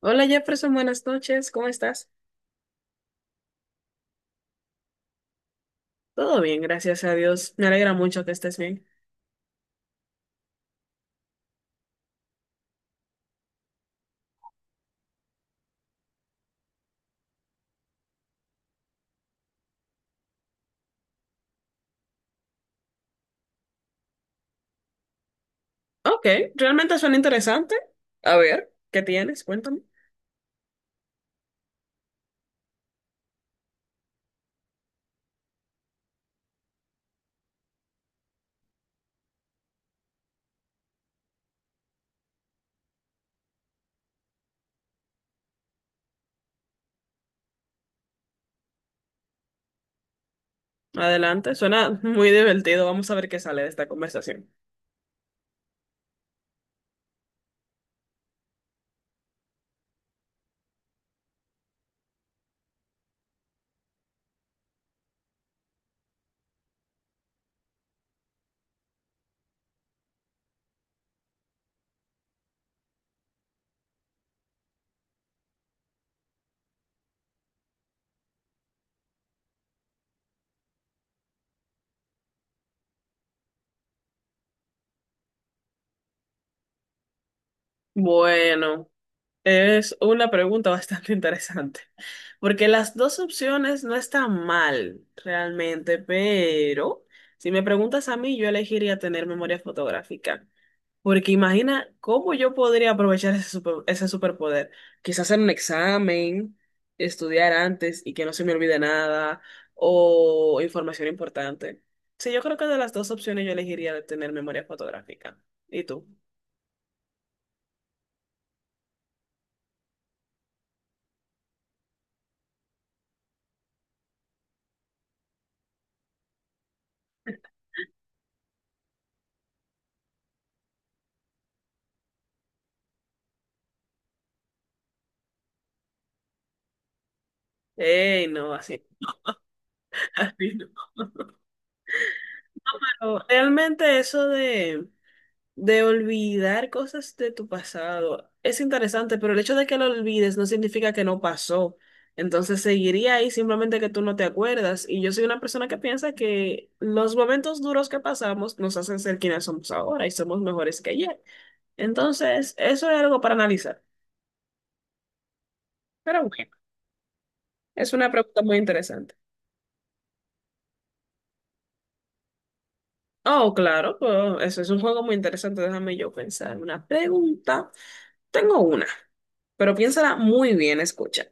Hola Jefferson, buenas noches, ¿cómo estás? Todo bien, gracias a Dios. Me alegra mucho que estés bien. Ok, realmente suena interesante. A ver, ¿qué tienes? Cuéntame. Adelante, suena muy divertido. Vamos a ver qué sale de esta conversación. Bueno. Es una pregunta bastante interesante, porque las dos opciones no están mal realmente, pero si me preguntas a mí, yo elegiría tener memoria fotográfica, porque imagina cómo yo podría aprovechar ese superpoder. Quizás hacer un examen, estudiar antes y que no se me olvide nada, o información importante. Sí, yo creo que de las dos opciones yo elegiría tener memoria fotográfica. ¿Y tú? ¡Ey, no, así! No, realmente eso de olvidar cosas de tu pasado es interesante, pero el hecho de que lo olvides no significa que no pasó. Entonces seguiría ahí simplemente que tú no te acuerdas. Y yo soy una persona que piensa que los momentos duros que pasamos nos hacen ser quienes somos ahora y somos mejores que ayer. Entonces, eso es algo para analizar. Pero bueno, es una pregunta muy interesante. Oh, claro, pues, eso es un juego muy interesante. Déjame yo pensar. Una pregunta. Tengo una. Pero piénsala muy bien, escucha.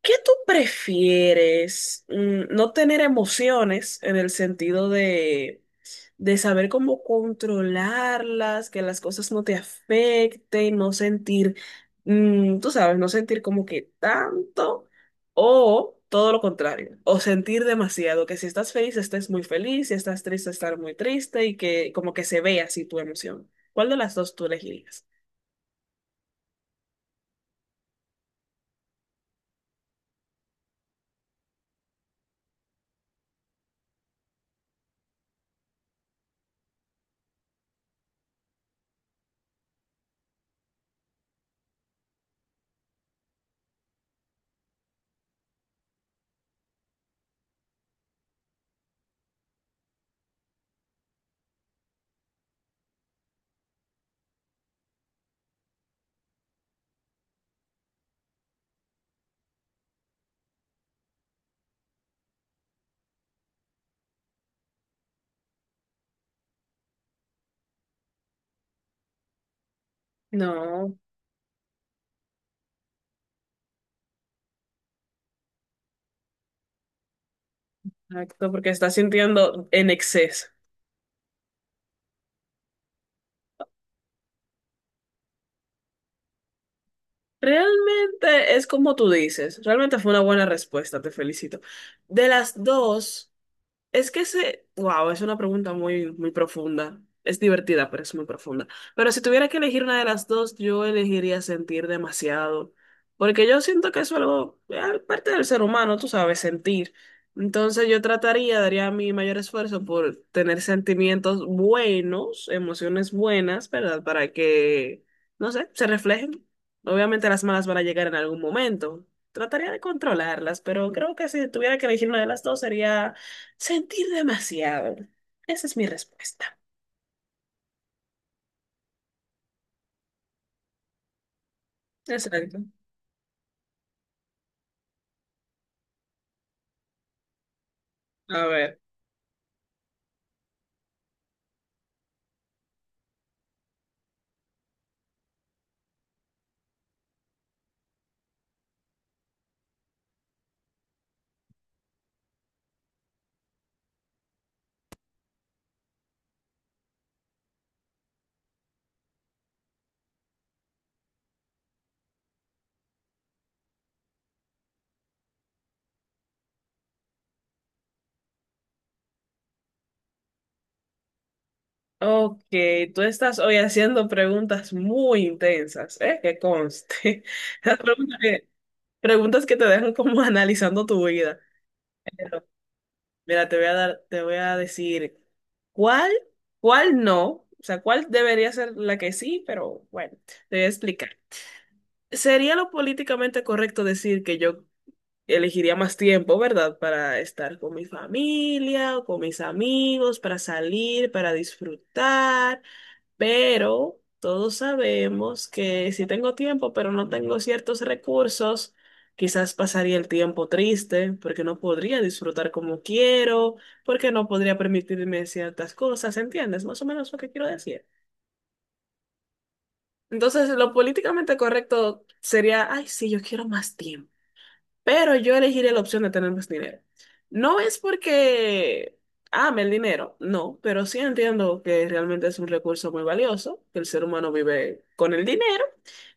¿Qué tú prefieres? No tener emociones en el sentido de saber cómo controlarlas, que las cosas no te afecten, no sentir, tú sabes, no sentir como que tanto, o todo lo contrario, o sentir demasiado, que si estás feliz estés muy feliz, si estás triste estar muy triste y que como que se vea así tu emoción. ¿Cuál de las dos tú elegirías? No. Exacto, porque estás sintiendo en exceso. Realmente es como tú dices, realmente fue una buena respuesta, te felicito. De las dos. Es que ese, wow, es una pregunta muy, muy profunda. Es divertida, pero es muy profunda. Pero si tuviera que elegir una de las dos, yo elegiría sentir demasiado. Porque yo siento que eso es algo, parte del ser humano, tú sabes, sentir. Entonces yo trataría, daría mi mayor esfuerzo por tener sentimientos buenos, emociones buenas, ¿verdad? Para que, no sé, se reflejen. Obviamente las malas van a llegar en algún momento. Trataría de controlarlas, pero creo que si tuviera que elegir una de las dos sería sentir demasiado. Esa es mi respuesta. Exacto. A ver. Ok, tú estás hoy haciendo preguntas muy intensas, ¿eh? Que conste. Las preguntas que te dejan como analizando tu vida. Pero, mira, te voy a dar, te voy a decir cuál, cuál no, o sea, cuál debería ser la que sí, pero bueno, te voy a explicar. ¿Sería lo políticamente correcto decir que yo elegiría más tiempo, ¿verdad? Para estar con mi familia, o con mis amigos, para salir, para disfrutar, pero todos sabemos que si tengo tiempo, pero no tengo ciertos recursos, quizás pasaría el tiempo triste, porque no podría disfrutar como quiero, porque no podría permitirme ciertas cosas, ¿entiendes? Más o menos lo que quiero decir. Entonces, lo políticamente correcto sería, ay, sí, yo quiero más tiempo. Pero yo elegiré la opción de tener más dinero. No es porque ame el dinero, no, pero sí entiendo que realmente es un recurso muy valioso, que el ser humano vive con el dinero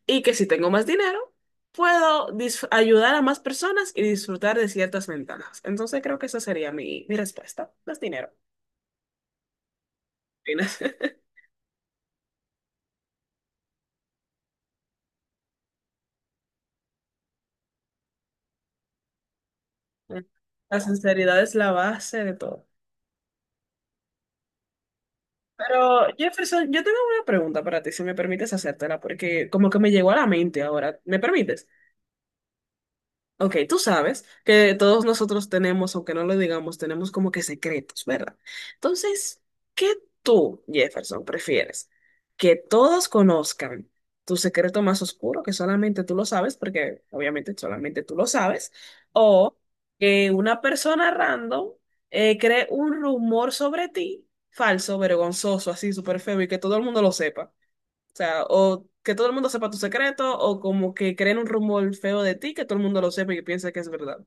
y que si tengo más dinero, ayudar a más personas y disfrutar de ciertas ventajas. Entonces creo que esa sería mi respuesta, más dinero. Fines. La sinceridad es la base de todo. Pero Jefferson, yo tengo una pregunta para ti, si me permites hacértela, porque como que me llegó a la mente ahora. ¿Me permites? Ok, tú sabes que todos nosotros tenemos, aunque no lo digamos, tenemos como que secretos, ¿verdad? Entonces, ¿qué tú, Jefferson, prefieres? ¿Que todos conozcan tu secreto más oscuro, que solamente tú lo sabes, porque obviamente solamente tú lo sabes, o que una persona random cree un rumor sobre ti, falso, vergonzoso, así súper feo, y que todo el mundo lo sepa? O sea, o que todo el mundo sepa tu secreto, o como que creen un rumor feo de ti, que todo el mundo lo sepa y que piensa que es verdad.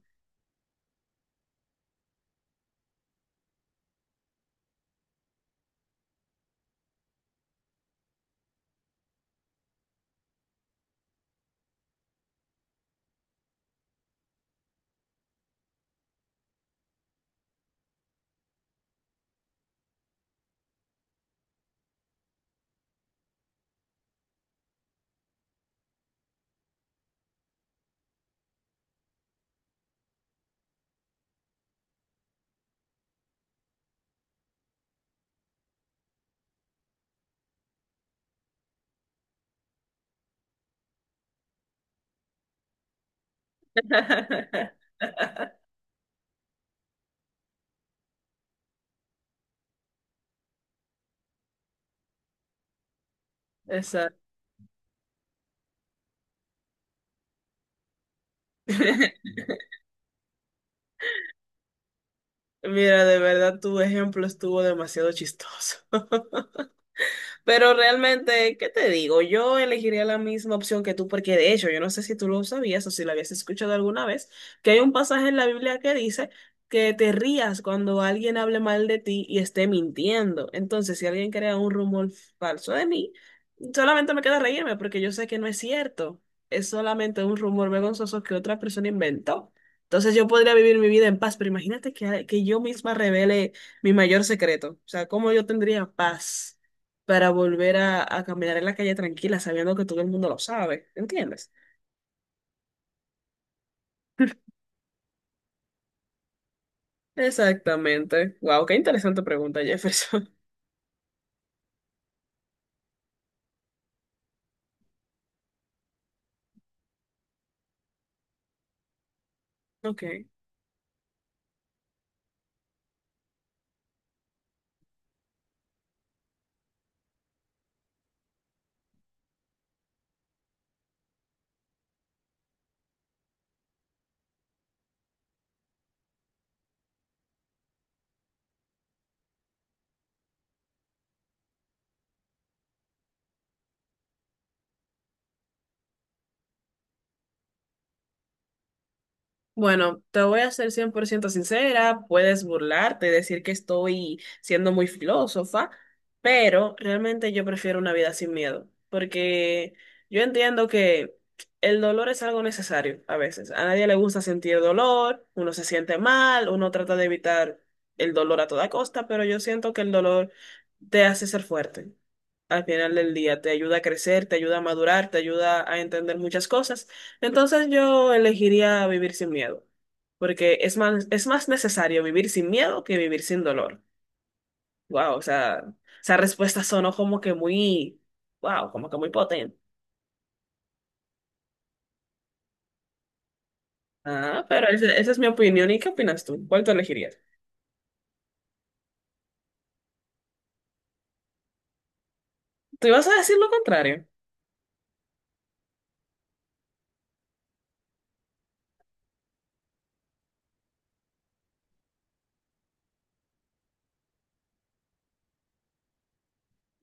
Exacto. Mira, de verdad, tu ejemplo estuvo demasiado chistoso. Pero realmente, ¿qué te digo? Yo elegiría la misma opción que tú, porque de hecho, yo no sé si tú lo sabías o si lo habías escuchado alguna vez, que hay un pasaje en la Biblia que dice que te rías cuando alguien hable mal de ti y esté mintiendo. Entonces, si alguien crea un rumor falso de mí, solamente me queda reírme porque yo sé que no es cierto. Es solamente un rumor vergonzoso que otra persona inventó. Entonces yo podría vivir mi vida en paz, pero imagínate que yo misma revele mi mayor secreto. O sea, ¿cómo yo tendría paz? Para volver a caminar en la calle tranquila, sabiendo que todo el mundo lo sabe, ¿entiendes? Exactamente. Wow, qué interesante pregunta, Jefferson. Ok. Bueno, te voy a ser 100% sincera, puedes burlarte, decir que estoy siendo muy filósofa, pero realmente yo prefiero una vida sin miedo, porque yo entiendo que el dolor es algo necesario a veces. A nadie le gusta sentir dolor, uno se siente mal, uno trata de evitar el dolor a toda costa, pero yo siento que el dolor te hace ser fuerte al final del día. Te ayuda a crecer, te ayuda a madurar, te ayuda a entender muchas cosas. Entonces yo elegiría vivir sin miedo, porque es más necesario vivir sin miedo que vivir sin dolor. Wow, o sea, esa respuesta sonó como que muy, wow, como que muy potente. Ah, pero esa es mi opinión. ¿Y qué opinas tú? ¿Cuál tú elegirías? Tú ibas a decir lo contrario.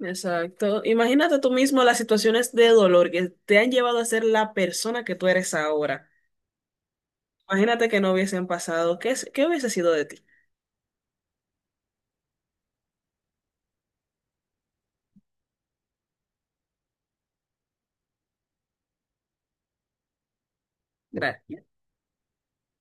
Exacto. Imagínate tú mismo las situaciones de dolor que te han llevado a ser la persona que tú eres ahora. Imagínate que no hubiesen pasado. ¿Qué, qué hubiese sido de ti? Gracias.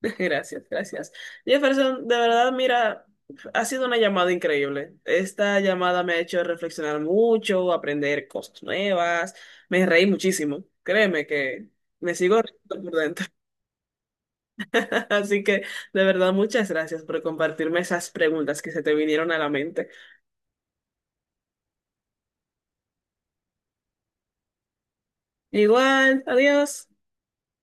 Gracias, gracias. Jefferson, de verdad, mira, ha sido una llamada increíble. Esta llamada me ha hecho reflexionar mucho, aprender cosas nuevas. Me reí muchísimo. Créeme que me sigo riendo por dentro. Así que, de verdad, muchas gracias por compartirme esas preguntas que se te vinieron a la mente. Igual, adiós.